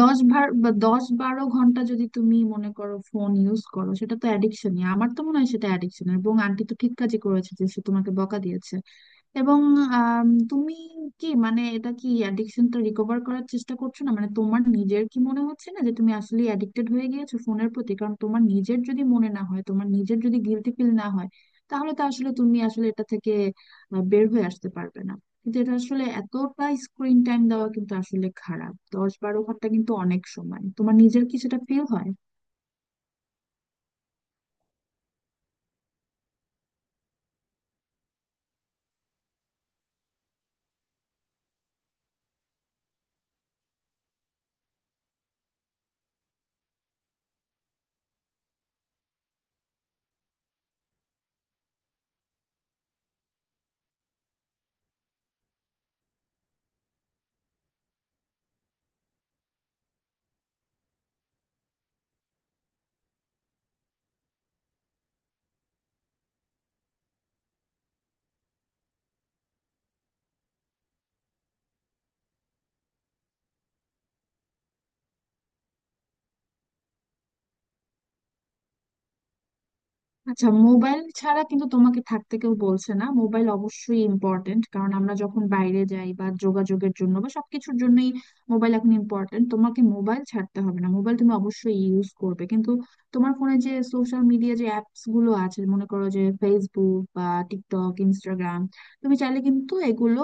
দশ ভার বা দশ বারো ঘন্টা যদি তুমি মনে করো ফোন ইউজ করো, সেটা তো অ্যাডিকশনই। আমার তো মনে হয় সেটা অ্যাডিকশন, এবং আন্টি তো ঠিক কাজই করেছে যে সে তোমাকে বকা দিয়েছে। এবং তুমি কি মানে এটা কি অ্যাডিকশনটা রিকভার করার চেষ্টা করছো? না মানে তোমার নিজের কি মনে হচ্ছে না যে তুমি আসলে অ্যাডিক্টেড হয়ে গিয়েছো ফোনের প্রতি? কারণ তোমার নিজের যদি মনে না হয়, তোমার নিজের যদি গিলটি ফিল না হয়, তাহলে তো আসলে তুমি আসলে এটা থেকে বের হয়ে আসতে পারবে না। কিন্তু এটা আসলে এতটা স্ক্রিন টাইম দেওয়া কিন্তু আসলে খারাপ। 10-12 ঘন্টা কিন্তু অনেক সময়, তোমার নিজের কি সেটা ফিল হয়? আচ্ছা মোবাইল ছাড়া কিন্তু তোমাকে থাকতে কেউ বলছে না। মোবাইল অবশ্যই ইম্পর্টেন্ট, কারণ আমরা যখন বাইরে যাই বা যোগাযোগের জন্য বা সবকিছুর জন্যই মোবাইল এখন ইম্পর্টেন্ট। তোমাকে মোবাইল ছাড়তে হবে না, মোবাইল তুমি অবশ্যই ইউজ করবে, কিন্তু তোমার ফোনে যে সোশ্যাল মিডিয়া যে অ্যাপস গুলো আছে, মনে করো যে ফেসবুক বা টিকটক, ইনস্টাগ্রাম, তুমি চাইলে কিন্তু এগুলো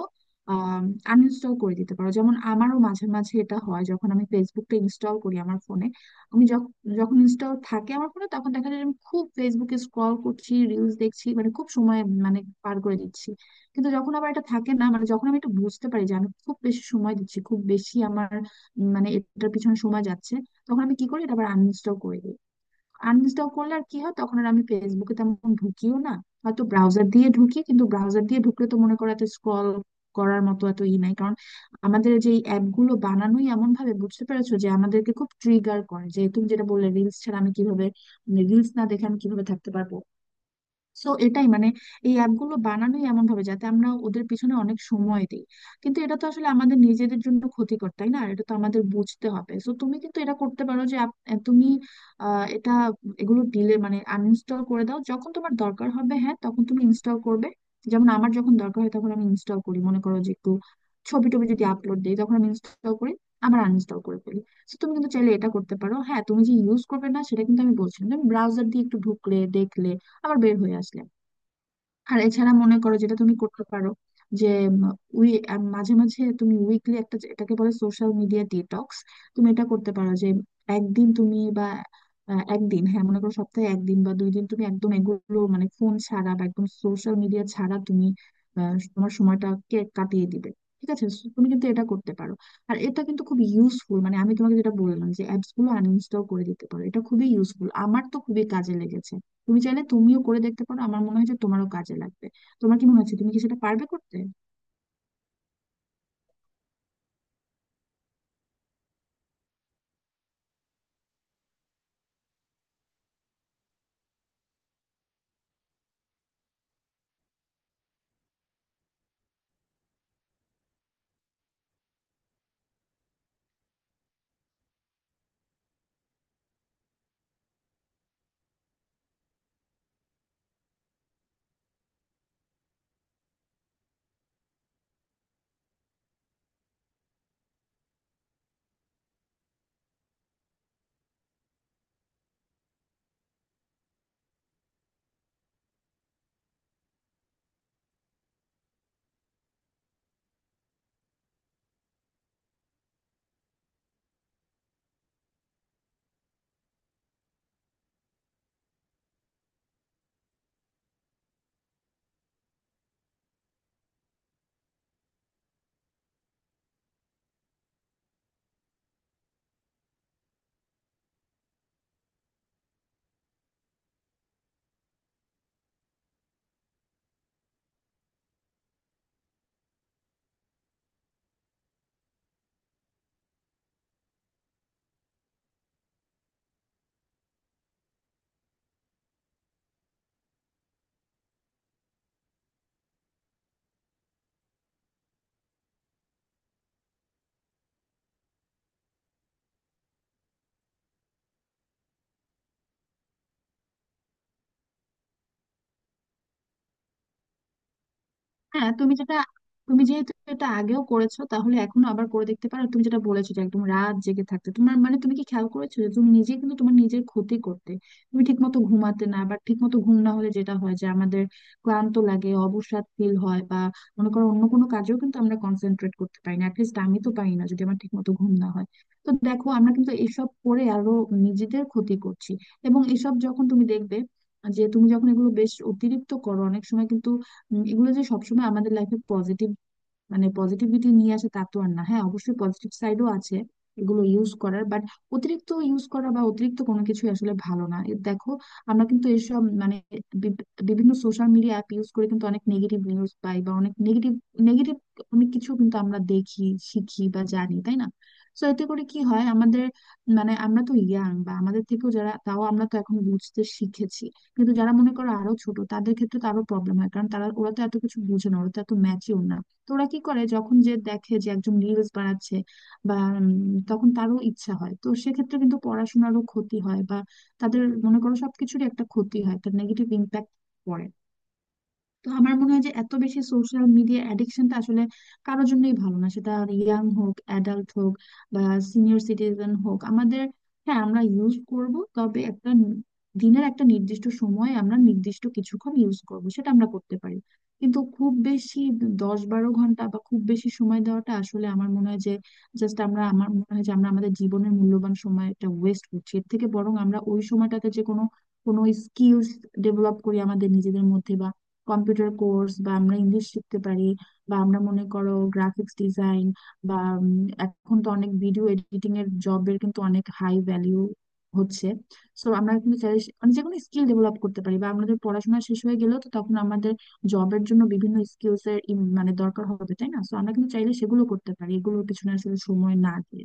আনইনস্টল করে দিতে পারো। যেমন আমারও মাঝে মাঝে এটা হয়, যখন আমি ফেসবুকটা ইনস্টল করি আমার ফোনে, আমি যখ- যখন ইনস্টল থাকে আমার ফোনে, তখন দেখা যায় যে আমি খুব ফেসবুকে স্ক্রল করছি, রিলস দেখছি, মানে খুব সময় মানে পার করে দিচ্ছি। কিন্তু যখন আবার এটা থাকে না, মানে যখন আমি এটা বুঝতে পারি যে আমি খুব বেশি সময় দিচ্ছি, খুব বেশি আমার মানে এটার পিছনে সময় যাচ্ছে, তখন আমি কি করি, এটা আবার আনইনস্টল করে দিই। আনইনস্টল করলে আর কি হয়, তখন আর আমি ফেসবুকে তেমন ঢুকিও না। হয়তো ব্রাউজার দিয়ে ঢুকি, কিন্তু ব্রাউজার দিয়ে ঢুকলে তো মনে করো এত স্ক্রল করার মতো এত ই নাই, কারণ আমাদের যে অ্যাপ গুলো বানানোই এমন ভাবে, বুঝতে পেরেছো, যে আমাদেরকে খুব ট্রিগার করে। যে তুমি যেটা বললে, রিলস ছাড়া আমি কিভাবে, রিলস না দেখে আমি কিভাবে থাকতে পারবো, সো এটাই মানে এই অ্যাপগুলো বানানোই এমন ভাবে, যাতে আমরা ওদের পিছনে অনেক সময় দিই। কিন্তু এটা তো আসলে আমাদের নিজেদের জন্য ক্ষতিকর, তাই না? এটা তো আমাদের বুঝতে হবে। সো তুমি কিন্তু এটা করতে পারো যে তুমি আহ, এটা এগুলো ডিলে মানে আনইনস্টল করে দাও, যখন তোমার দরকার হবে, হ্যাঁ, তখন তুমি ইনস্টল করবে। যেমন আমার যখন দরকার হয় তখন আমি ইনস্টল করি, মনে করো যে একটু ছবি টবি যদি আপলোড দিই, তখন আমি ইনস্টল করি, আবার আনইনস্টল করে ফেলি। তো তুমি কিন্তু চাইলে এটা করতে পারো। হ্যাঁ, তুমি যে ইউজ করবে না সেটা কিন্তু আমি বলছি না। তুমি ব্রাউজার দিয়ে একটু ঢুকলে, দেখলে, আবার বের হয়ে আসলে। আর এছাড়া মনে করো যেটা তুমি করতে পারো, যে উম, মাঝে মাঝে তুমি উইকলি একটা এটাকে বলে সোশ্যাল মিডিয়া ডিটক্স, তুমি এটা করতে পারো যে একদিন তুমি বা একদিন, হ্যাঁ মনে করো সপ্তাহে একদিন বা 2 দিন তুমি একদম এগুলো মানে ফোন ছাড়া বা একদম সোশ্যাল মিডিয়া ছাড়া তুমি তোমার সময়টাকে কাটিয়ে দিবে। ঠিক আছে, so তুমি কিন্তু এটা করতে পারো, আর এটা কিন্তু খুব ইউজফুল। মানে আমি তোমাকে যেটা বললাম যে অ্যাপস গুলো আনইনস্টল করে দিতে পারো, এটা খুবই ইউজফুল, আমার তো খুবই কাজে লেগেছে। তুমি চাইলে তুমিও করে দেখতে পারো, আমার মনে হয় যে তোমারও কাজে লাগবে। তোমার কি মনে হচ্ছে, তুমি কি সেটা পারবে করতে? হ্যাঁ তুমি যেটা, তুমি যেহেতু এটা আগেও করেছো তাহলে এখনো আবার করে দেখতে পারো। তুমি যেটা বলেছো যে একদম রাত জেগে থাকতে তোমার, মানে তুমি কি খেয়াল করেছো যে তুমি নিজে কিন্তু তোমার নিজের ক্ষতি করতে? তুমি ঠিক মতো ঘুমাতে না বা ঠিক মতো ঘুম না হলে যেটা হয় যে আমাদের ক্লান্ত লাগে, অবসাদ ফিল হয় বা মনে করো অন্য কোনো কাজেও কিন্তু আমরা কনসেন্ট্রেট করতে পারি না, অ্যাটলিস্ট আমি তো পারি না যদি আমার ঠিক মতো ঘুম না হয়। তো দেখো, আমরা কিন্তু এসব করে আরো নিজেদের ক্ষতি করছি। এবং এসব যখন তুমি দেখবে, যে তুমি যখন এগুলো বেশ অতিরিক্ত করো, অনেক সময় কিন্তু এগুলো যে সবসময় আমাদের লাইফে পজিটিভ মানে পজিটিভিটি নিয়ে আসে তা তো আর না। হ্যাঁ অবশ্যই পজিটিভ সাইডও আছে এগুলো ইউজ করার, বাট অতিরিক্ত ইউজ করা বা অতিরিক্ত কোনো কিছু আসলে ভালো না। এ দেখো, আমরা কিন্তু এসব মানে বিভিন্ন সোশ্যাল মিডিয়া অ্যাপ ইউজ করে কিন্তু অনেক নেগেটিভ নিউজ পাই, বা অনেক নেগেটিভ, নেগেটিভ অনেক কিছু কিন্তু আমরা দেখি, শিখি বা জানি, তাই না? তো এতে করে কি হয় আমাদের, মানে আমরা তো ইয়াং বা আমাদের থেকেও যারা, তাও আমরা তো এখন বুঝতে শিখেছি, কিন্তু যারা মনে করো আরো ছোট তাদের ক্ষেত্রে তো আরো প্রবলেম হয়, কারণ তারা, ওরা তো এত কিছু বুঝে না, ওরা তো এত ম্যাচিওর না। তোরা কি করে, যখন যে দেখে যে একজন রিলস বানাচ্ছে বা উম, তখন তারও ইচ্ছা হয়, তো সেক্ষেত্রে কিন্তু পড়াশোনারও ক্ষতি হয় বা তাদের মনে করো সবকিছুরই একটা ক্ষতি হয়, তার নেগেটিভ ইম্প্যাক্ট পড়ে। তো আমার মনে হয় যে এত বেশি সোশ্যাল মিডিয়া অ্যাডিকশনটা আসলে কারোর জন্যই ভালো না, সেটা ইয়াং হোক, অ্যাডাল্ট হোক, বা সিনিয়র সিটিজেন হোক। আমাদের, হ্যাঁ আমরা ইউজ করব, তবে দিনের একটা নির্দিষ্ট সময় আমরা নির্দিষ্ট কিছুক্ষণ ইউজ করব, সেটা আমরা করতে পারি। কিন্তু খুব বেশি 10-12 ঘন্টা বা খুব বেশি সময় দেওয়াটা আসলে আমার মনে হয় যে জাস্ট, আমার মনে হয় যে আমরা আমাদের জীবনের মূল্যবান সময়টা ওয়েস্ট করছি। এর থেকে বরং আমরা ওই সময়টাতে যে কোনো, কোনো স্কিলস ডেভেলপ করি আমাদের নিজেদের মধ্যে। কম্পিউটার কোর্স বা আমরা ইংলিশ শিখতে পারি, বা আমরা মনে করো গ্রাফিক্স ডিজাইন, বা এখন তো অনেক ভিডিও এডিটিং এর জবের কিন্তু অনেক হাই ভ্যালিউ হচ্ছে। সো আমরা কিন্তু চাই মানে যে কোনো স্কিল ডেভেলপ করতে পারি, বা আমাদের পড়াশোনা শেষ হয়ে গেলেও তো তখন আমাদের জবের জন্য বিভিন্ন মানে দরকার হবে, তাই না? সো আমরা কিন্তু চাইলে সেগুলো করতে পারি, এগুলোর পিছনে আসলে সময় না দিয়ে।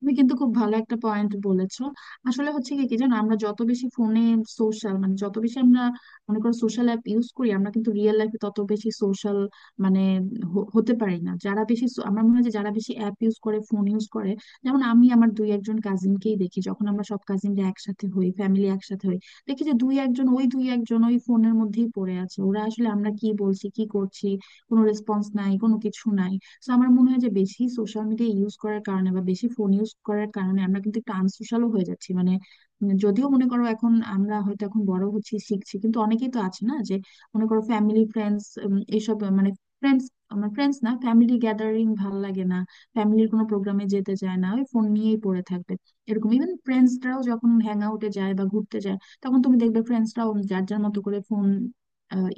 তুমি কিন্তু খুব ভালো একটা পয়েন্ট বলেছো। আসলে হচ্ছে কি, কি জানো, আমরা যত বেশি ফোনে সোশ্যাল মানে যত বেশি আমরা মনে করো সোশ্যাল অ্যাপ ইউজ করি, আমরা কিন্তু রিয়েল লাইফে তত বেশি সোশ্যাল মানে হতে পারি না। যারা বেশি আমার মনে হয় যে যারা বেশি অ্যাপ ইউজ করে, ফোন ইউজ করে, যেমন আমি আমার দুই একজন কাজিনকেই দেখি, যখন আমরা সব কাজিনরা একসাথে হই, ফ্যামিলি একসাথে হই, দেখি যে দুই একজন ওই, দুই একজন ওই ফোনের মধ্যেই পড়ে আছে। ওরা আসলে আমরা কি বলছি কি করছি কোনো রেসপন্স নাই, কোনো কিছু নাই। তো আমার মনে হয় যে বেশি সোশ্যাল মিডিয়া ইউজ করার কারণে বা বেশি ফোন ইউজ করার কারণে আমরা কিন্তু একটু আনসোশ্যালও হয়ে যাচ্ছি, মানে যদিও মনে করো এখন আমরা হয়তো এখন বড় হচ্ছি, শিখছি, কিন্তু অনেকেই তো আছে না, যে মনে করো ফ্যামিলি ফ্রেন্ডস, এইসব মানে ফ্রেন্ডস, আমার ফ্রেন্ডস না ফ্যামিলি গ্যাদারিং ভাল লাগে না, ফ্যামিলির কোনো প্রোগ্রামে যেতে চায় না, ওই ফোন নিয়েই পড়ে থাকবে। এরকম, ইভেন ফ্রেন্ডসরাও যখন হ্যাং আউটে যায় বা ঘুরতে যায়, তখন তুমি দেখবে ফ্রেন্ডসরাও যার যার মতো করে ফোন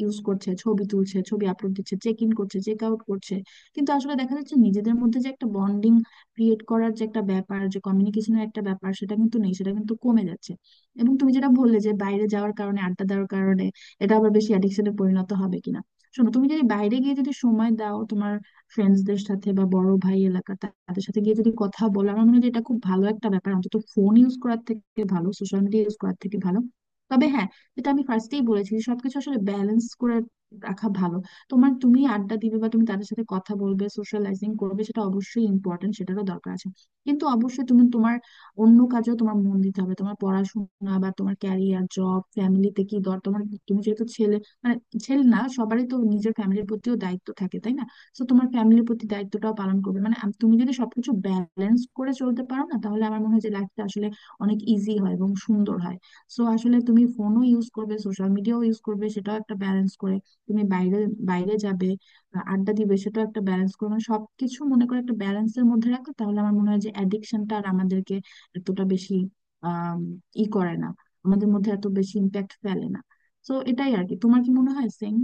ইউজ করছে, ছবি তুলছে, ছবি আপলোড দিচ্ছে, চেক ইন করছে, চেক আউট করছে, কিন্তু আসলে দেখা যাচ্ছে নিজেদের মধ্যে যে একটা বন্ডিং ক্রিয়েট করার যে একটা ব্যাপার, যে কমিউনিকেশনের একটা ব্যাপার, সেটা কিন্তু নেই, সেটা কিন্তু কমে যাচ্ছে। এবং তুমি যেটা বললে যে বাইরে যাওয়ার কারণে, আড্ডা দেওয়ার কারণে এটা আবার বেশি অ্যাডিকশনে পরিণত হবে কিনা, শোনো তুমি যদি বাইরে গিয়ে যদি সময় দাও তোমার ফ্রেন্ডসদের সাথে, বা বড় ভাই এলাকার তাদের সাথে গিয়ে যদি কথা বলো, আমার মনে হয় যে এটা খুব ভালো একটা ব্যাপার, অন্তত ফোন ইউজ করার থেকে ভালো, সোশ্যাল মিডিয়া ইউজ করার থেকে ভালো। তবে হ্যাঁ, যেটা আমি ফার্স্টেই বলেছি, যে সবকিছু আসলে ব্যালেন্স করে রাখা ভালো। তোমার, তুমি আড্ডা দিবে বা তুমি তাদের সাথে কথা বলবে, সোশ্যালাইজিং করবে, সেটা অবশ্যই ইম্পর্টেন্ট, সেটারও দরকার আছে, কিন্তু অবশ্যই তুমি তোমার অন্য কাজেও তোমার মন দিতে হবে। তোমার পড়াশোনা বা তোমার ক্যারিয়ার, জব, ফ্যামিলিতে কি দর তোমার, তুমি যেহেতু ছেলে মানে ছেলে না, সবারই তো নিজের ফ্যামিলির প্রতিও দায়িত্ব থাকে, তাই না? তো তোমার ফ্যামিলির প্রতি দায়িত্বটাও পালন করবে। মানে তুমি যদি সবকিছু ব্যালেন্স করে চলতে পারো না, তাহলে আমার মনে হয় যে লাইফটা আসলে অনেক ইজি হয় এবং সুন্দর হয়। সো আসলে তুমি ফোনও ইউজ করবে, সোশ্যাল মিডিয়াও ইউজ করবে, সেটাও একটা ব্যালেন্স করে, তুমি বাইরে বাইরে যাবে, আড্ডা দিবে, সেটাও একটা ব্যালেন্স করবে। মানে সবকিছু মনে করে একটা ব্যালেন্সের মধ্যে রাখো, তাহলে আমার মনে হয় যে অ্যাডিকশনটা আর আমাদেরকে এতটা বেশি আহ ই করে না, আমাদের মধ্যে এত বেশি ইম্প্যাক্ট ফেলে না। তো এটাই আর কি। তোমার কি মনে হয়, সেম?